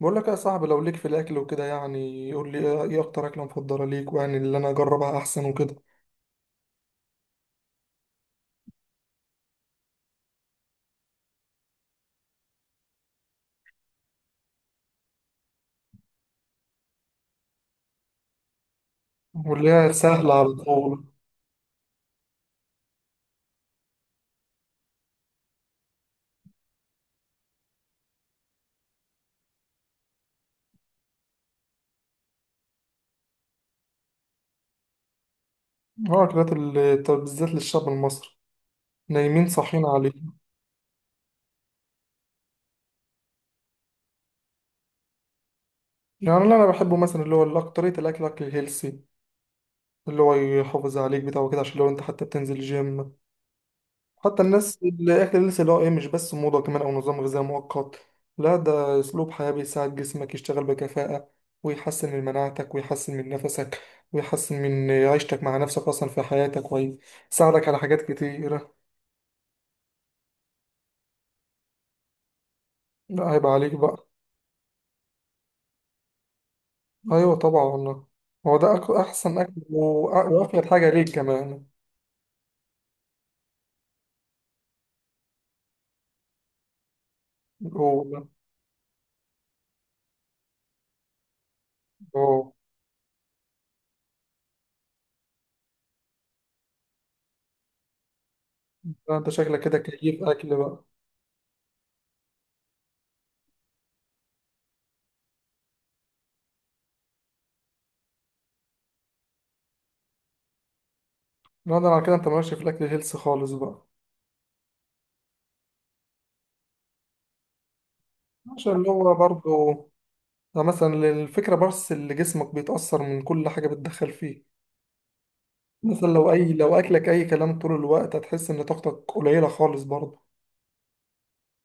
بقول لك يا صاحبي، لو ليك في الاكل وكده يعني قول لي إيه اكتر اكله مفضله ليك، ويعني اللي انا اجربها احسن وكده. واللي هي سهله على طول. اه، اكلات طب بالذات للشعب المصري، نايمين صاحيين عليه. يعني اللي انا بحبه مثلا اللي هو اكتريه الاكل، اكل هيلسي اللي هو يحافظ عليك بتاعه كده، عشان لو انت حتى بتنزل جيم، حتى الناس اللي اكل لسه اللي هو ايه، مش بس موضة كمان او نظام غذائي مؤقت. لا، ده اسلوب حياة بيساعد جسمك يشتغل بكفاءة، ويحسن من مناعتك ويحسن من نفسك، ويحسن من عيشتك مع نفسك اصلا في حياتك، ويساعدك على حاجات كتيرة. لا، هيبقى عليك بقى. ايوه طبعا والله، هو ده احسن اكل وافيد حاجة ليك كمان. هو هو لا، انت شكلك كده كيف اكل بقى. لا، ده على كده انت ماشي في الاكل هيلث خالص بقى. عشان اللي هو برضه، ده مثلا الفكرة بس، اللي جسمك بيتأثر من كل حاجة بتدخل فيه. مثلا لو أي، لو أكلك أي كلام طول الوقت هتحس إن طاقتك قليلة خالص برضه.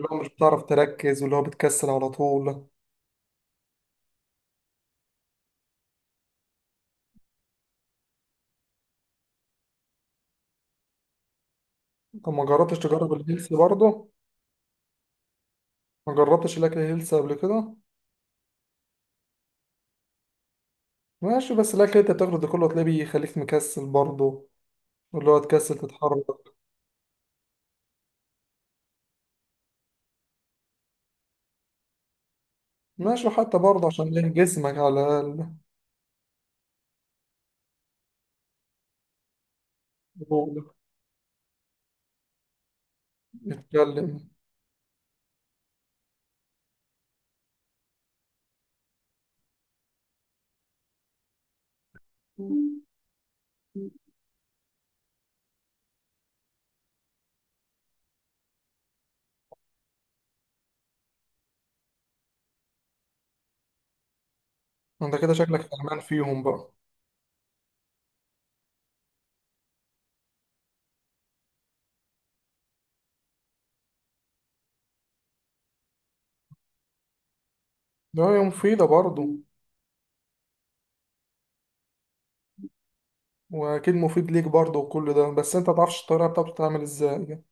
اللي هو مش بتعرف تركز، واللي هو بتكسل على طول. طب ما جربتش تجرب الهيلثي برضه؟ ما جربتش الأكل الهيلثي قبل كده؟ ماشي، بس الأكل اللي أنت بتاخده ده كله هتلاقيه بيخليك مكسل برضه، واللي هو تكسل تتحرك. ماشي، حتى برضه عشان إيه جسمك على الأقل يتكلم. أنت كده شكلك فهمان فيهم بقى. ده هي مفيدة برضه، واكيد مفيد ليك برضه وكل ده، بس انت متعرفش الطريقه بتاعته بتتعمل ازاي يعني.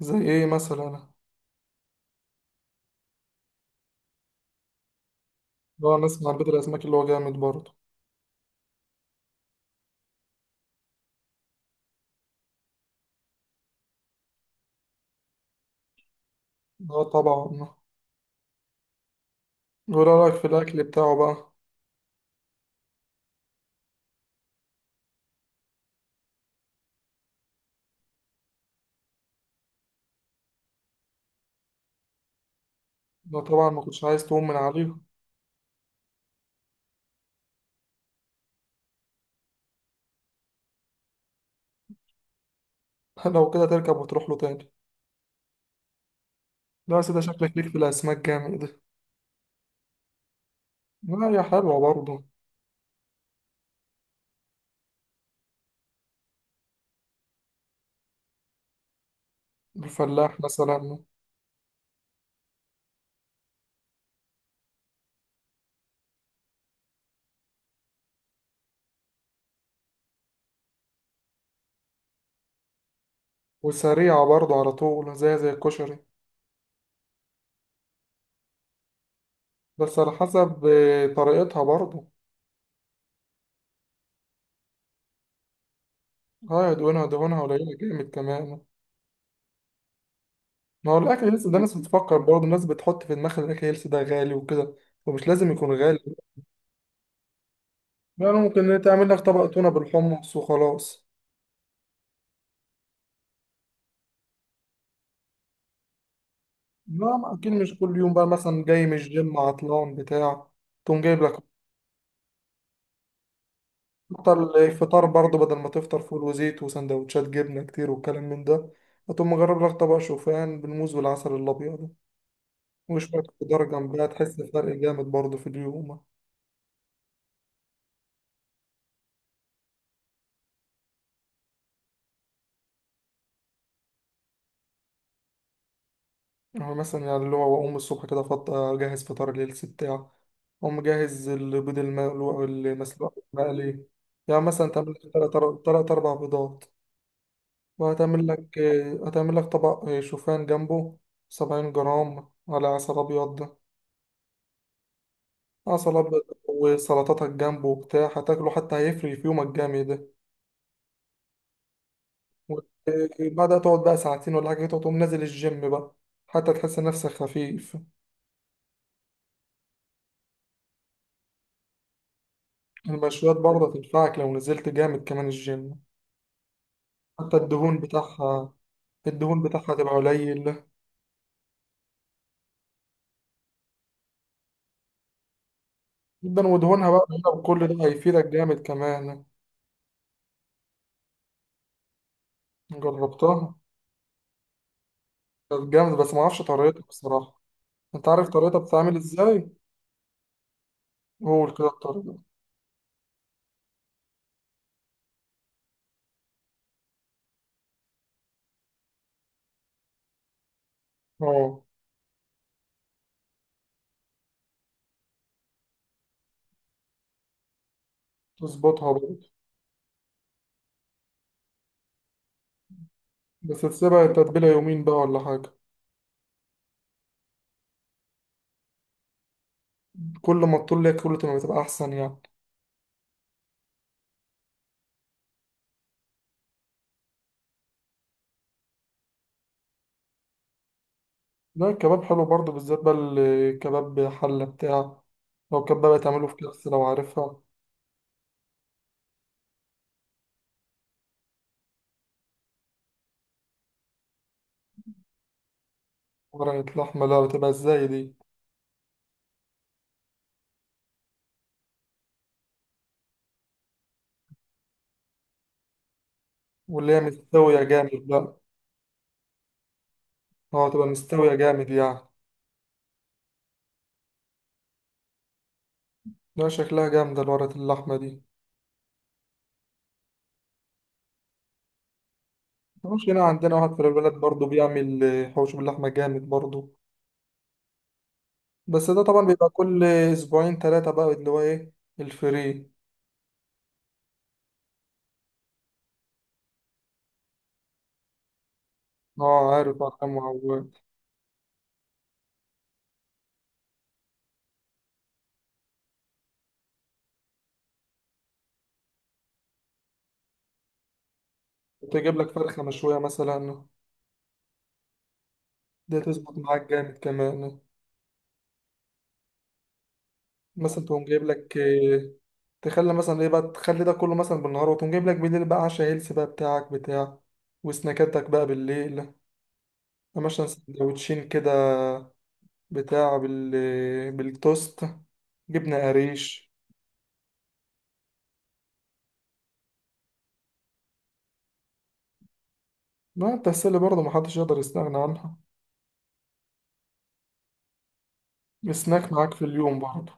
زي ايه مثلا؟ لو انا اسمع بيت الاسماك اللي هو جامد برضه. اه طبعا. وايه رايك في الاكل بتاعه بقى؟ لا طبعا، ما كنتش عايز تقوم من عليه. لو كده تركب وتروح له تاني. لا يا سيدي، شكلك ليك في الاسماك جامد. لا، هي حلوه برضه. الفلاح مثلا. وسريعه برضه على طول، زي الكشري. بس على حسب طريقتها برضه. اه، دهونها قليله جامد كمان. ما هو الأكل هيلث ده الناس بتفكر برضه، الناس بتحط في دماغها إن الأكل هيلث ده غالي وكده، ومش لازم يكون غالي. يعني ممكن تعمل لك طبق تونة بالحمص وخلاص. لا، ما أكيد مش كل يوم بقى مثلا، جاي من الجيم عطلان بتاع، تقوم جايب لك. تفطر الفطار برضه، بدل ما تفطر فول وزيت وسندوتشات جبنة كتير والكلام من ده، هتقوم مجرب لك طبق شوفان بالموز والعسل الأبيض وشوية خضار جنبها، تحس بفرق جامد برضه في اليوم. هو مثلا يعني اللي هو أقوم الصبح كده، أجهز فطار ليلتي بتاع، أقوم مجهز البيض المقلوق المسلوق المقلي. يعني مثلا تعمل لك تلات أربع بيضات، وهتعمل لك هتعمل لك طبق شوفان جنبه، 70 جرام على عسل أبيض، عسل أبيض، وسلطاتك جنبه وبتاع هتاكله، حتى هيفرق في يومك جامد ده. وبعدها تقعد بقى ساعتين ولا حاجة، تقوم نازل الجيم بقى، حتى تحس نفسك خفيف. المشويات برضه تنفعك لو نزلت جامد كمان الجيم، حتى الدهون بتاعها، الدهون بتاعها تبقى قليل جدا، ودهونها بقى قليلة وكل ده هيفيدك جامد كمان. جربتها، كانت جامد بس ما اعرفش طريقتها بصراحة. انت عارف طريقتها بتتعمل ازاي؟ قول كده الطريقة. اه، تظبطها برضه. بس تسيبها تتبيلة يومين بقى ولا حاجة؟ كل ما تطول ليها كل ما بتبقى أحسن يعني. لا، الكباب حلو برضه، بالذات بقى الكباب حلة بتاع، لو كباب بتعمله في كبس لو عارفها. ورقة لحمة؟ لا، بتبقى ازاي دي؟ واللي هي مستوية جامد بقى. اه تبقى مستوية جامد يعني. لا، شكلها جامدة الورقة اللحمة دي. مش هنا، عندنا واحد في البلد برضه بيعمل حوش باللحمة جامد برضه، بس ده طبعا بيبقى كل أسبوعين تلاتة بقى، اللي هو إيه، الفري. اه عارف، أرقام وعواد. تجيب لك فرخة مشوية مثلا، دي تظبط معاك جامد كمان. مثلا تقوم جايب لك تخلي مثلا إيه بقى، تخلي ده كله مثلا بالنهار، وتقوم جايب لك بالليل بقى عشا هيلث بقى بتاعك بتاع، وسناكاتك بقى بالليل، مثلا سندوتشين كده بتاع بالتوست، جبنة قريش. ما التسلي برضه محدش يقدر يستغنى عنها، السناك معاك في اليوم برضه،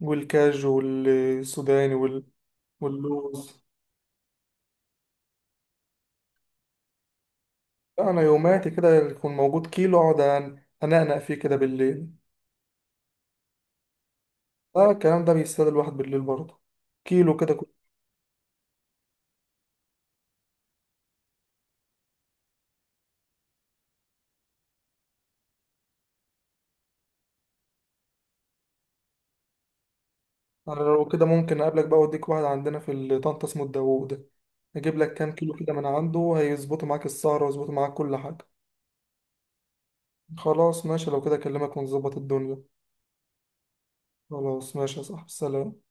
والكاجو والسوداني واللوز. أنا يوماتي كده يكون موجود كيلو، أقعد أنقنق فيه كده بالليل. آه، الكلام ده بيستاهل الواحد بالليل برضه، كيلو كده. أنا لو كده ممكن أقابلك بقى، وأديك واحد عندنا في طنطا اسمه الداوود، أجيب لك كام كيلو كده من عنده هيظبطوا معاك السهرة ويظبطوا معاك كل حاجة. خلاص ماشي، لو كده أكلمك ونظبط الدنيا. خلاص ماشي يا صاحبي، سلام.